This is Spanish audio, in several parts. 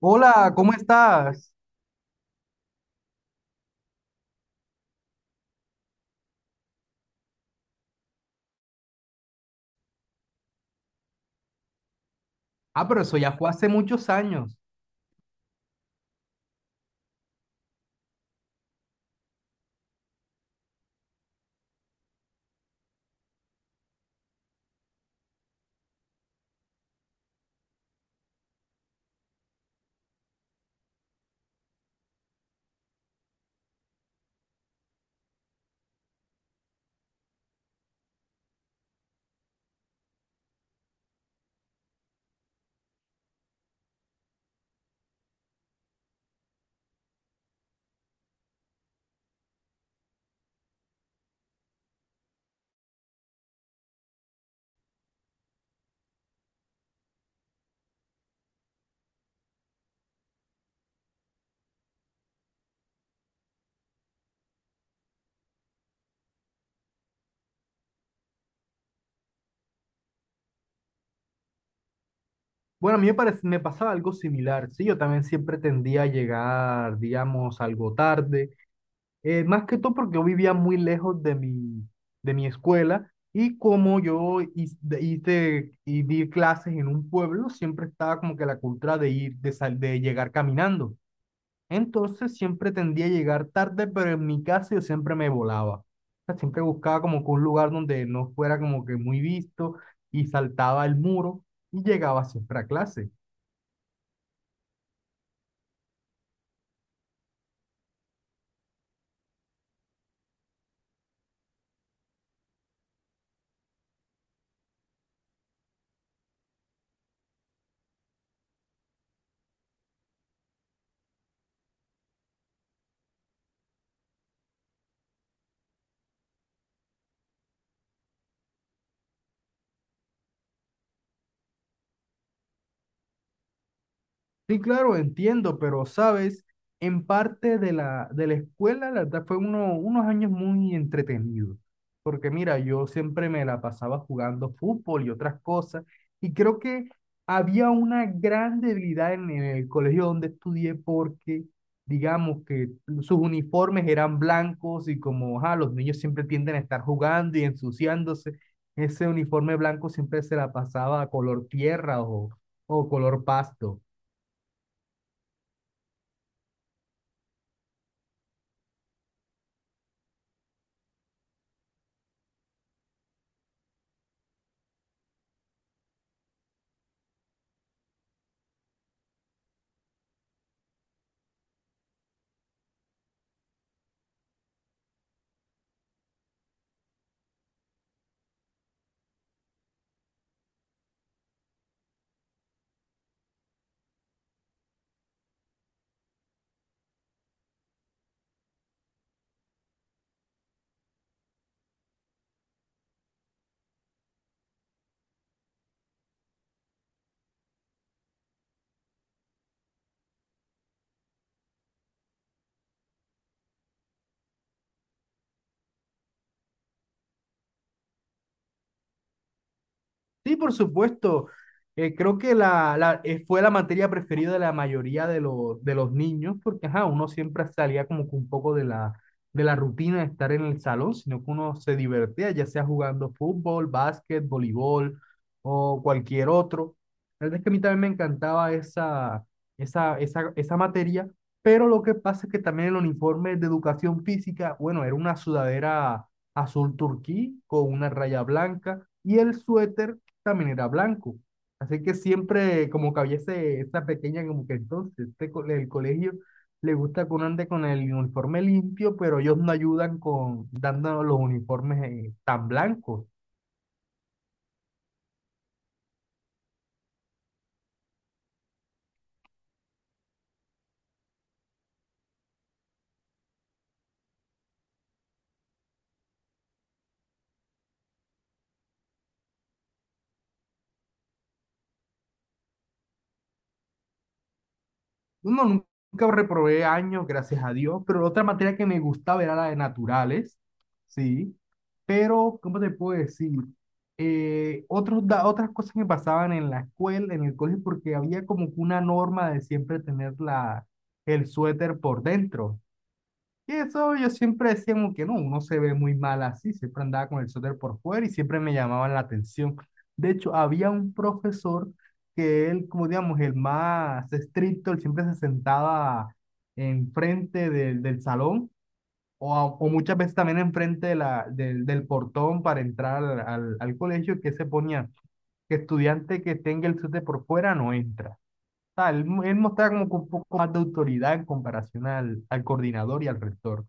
Hola, ¿cómo estás? Ah, pero eso ya fue hace muchos años. Bueno, a mí me parece, me pasaba algo similar, sí, yo también siempre tendía a llegar, digamos, algo tarde, más que todo porque yo vivía muy lejos de mi escuela y como yo y di clases en un pueblo, siempre estaba como que la cultura de ir, de llegar caminando. Entonces siempre tendía a llegar tarde, pero en mi caso yo siempre me volaba. O sea, siempre buscaba como que un lugar donde no fuera como que muy visto y saltaba el muro y llegaba siempre a clase. Sí, claro, entiendo, pero sabes, en parte de la escuela, la verdad, fue uno, unos años muy entretenidos, porque mira, yo siempre me la pasaba jugando fútbol y otras cosas, y creo que había una gran debilidad en el colegio donde estudié, porque digamos que sus uniformes eran blancos y como ajá, los niños siempre tienden a estar jugando y ensuciándose, ese uniforme blanco siempre se la pasaba a color tierra o color pasto. Sí, por supuesto. Creo que la fue la materia preferida de la mayoría de los niños, porque ajá, uno siempre salía como que un poco de la rutina de estar en el salón, sino que uno se divertía, ya sea jugando fútbol, básquet, voleibol o cualquier otro. La verdad es que a mí también me encantaba esa materia, pero lo que pasa es que también el uniforme de educación física, bueno, era una sudadera azul turquí con una raya blanca y el suéter también era blanco. Así que siempre como que había ese, esa pequeña como que entonces este, el colegio le gusta que uno ande con el uniforme limpio, pero ellos no ayudan con dando los uniformes tan blancos. No, nunca reprobé años, gracias a Dios, pero otra materia que me gustaba era la de naturales, ¿sí? Pero, ¿cómo te puedo decir? Otras cosas que pasaban en la escuela, en el colegio, porque había como que una norma de siempre tener el suéter por dentro. Y eso yo siempre decía como que no, uno se ve muy mal así, siempre andaba con el suéter por fuera y siempre me llamaban la atención. De hecho, había un profesor que él, como digamos, el más estricto, él siempre se sentaba enfrente del salón o muchas veces también enfrente de del portón para entrar al colegio, que se ponía que estudiante que tenga el suéter por fuera no entra. O él mostraba como que un poco más de autoridad en comparación al coordinador y al rector.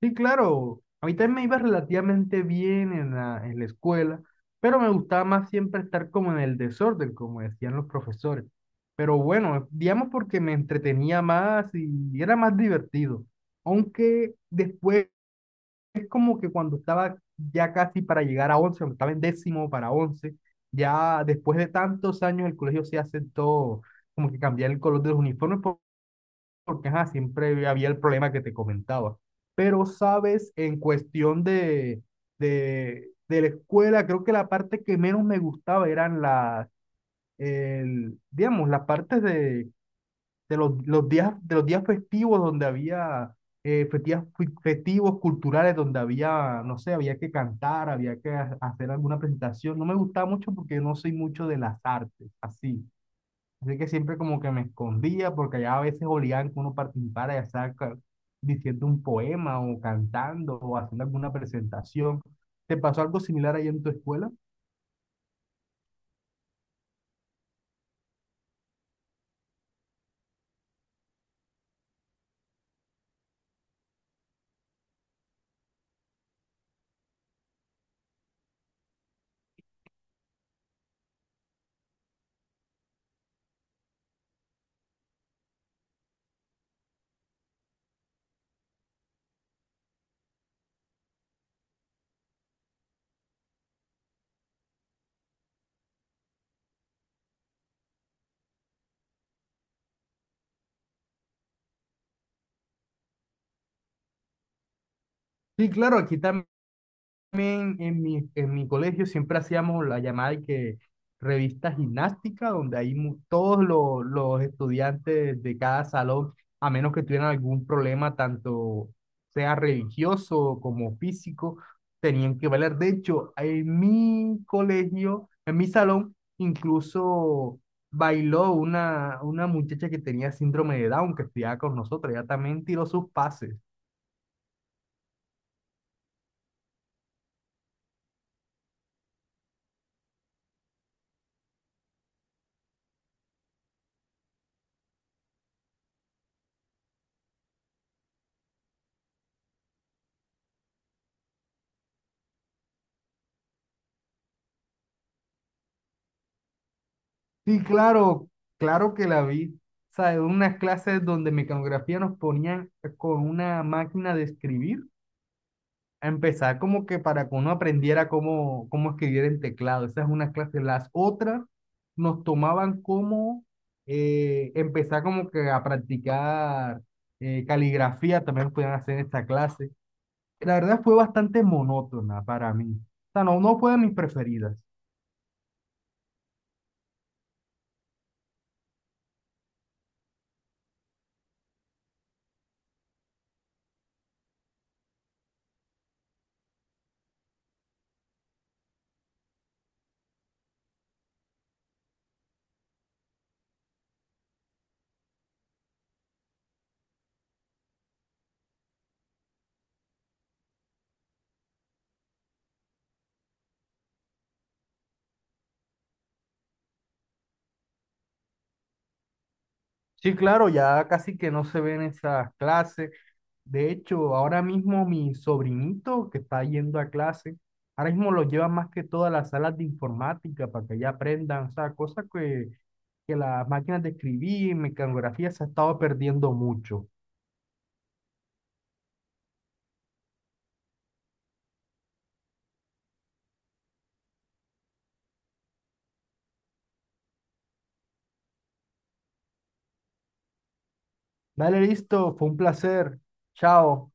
Sí, claro. A mí también me iba relativamente bien en la escuela, pero me gustaba más siempre estar como en el desorden, como decían los profesores. Pero bueno, digamos porque me entretenía más y era más divertido. Aunque después, como que cuando estaba ya casi para llegar a once, cuando estaba en décimo para once, ya después de tantos años el colegio se aceptó como que cambiar el color de los uniformes, porque ajá, siempre había el problema que te comentaba. Pero, sabes, en cuestión de la escuela, creo que la parte que menos me gustaba eran digamos, las partes de los días festivos donde había festivos culturales, donde había, no sé, había que cantar, había que hacer alguna presentación. No me gustaba mucho porque no soy mucho de las artes, así. Así que siempre como que me escondía porque allá a veces obligaban que uno participara, ya sea diciendo un poema o cantando o haciendo alguna presentación. ¿Te pasó algo similar allá en tu escuela? Sí, claro, aquí también. También en mi colegio siempre hacíamos la llamada de que revista gimnástica, donde ahí todos los estudiantes de cada salón, a menos que tuvieran algún problema, tanto sea religioso como físico, tenían que valer. De hecho, en mi colegio, en mi salón, incluso bailó una muchacha que tenía síndrome de Down, que estudiaba con nosotros, ella también tiró sus pases. Sí, claro, claro que la vi. O sea, en unas clases donde mecanografía nos ponían con una máquina de escribir, a empezar como que para que uno aprendiera cómo escribir en teclado. Esa es una clase. Las otras nos tomaban como empezar como que a practicar caligrafía, también nos podían hacer en esta clase. La verdad fue bastante monótona para mí. O sea, no, no fue de mis preferidas. Sí, claro, ya casi que no se ven esas clases. De hecho, ahora mismo mi sobrinito que está yendo a clase, ahora mismo lo llevan más que todas las salas de informática para que ya aprendan, o sea, cosas que las máquinas de escribir, mecanografía se ha estado perdiendo mucho. Dale, listo, fue un placer. Chao.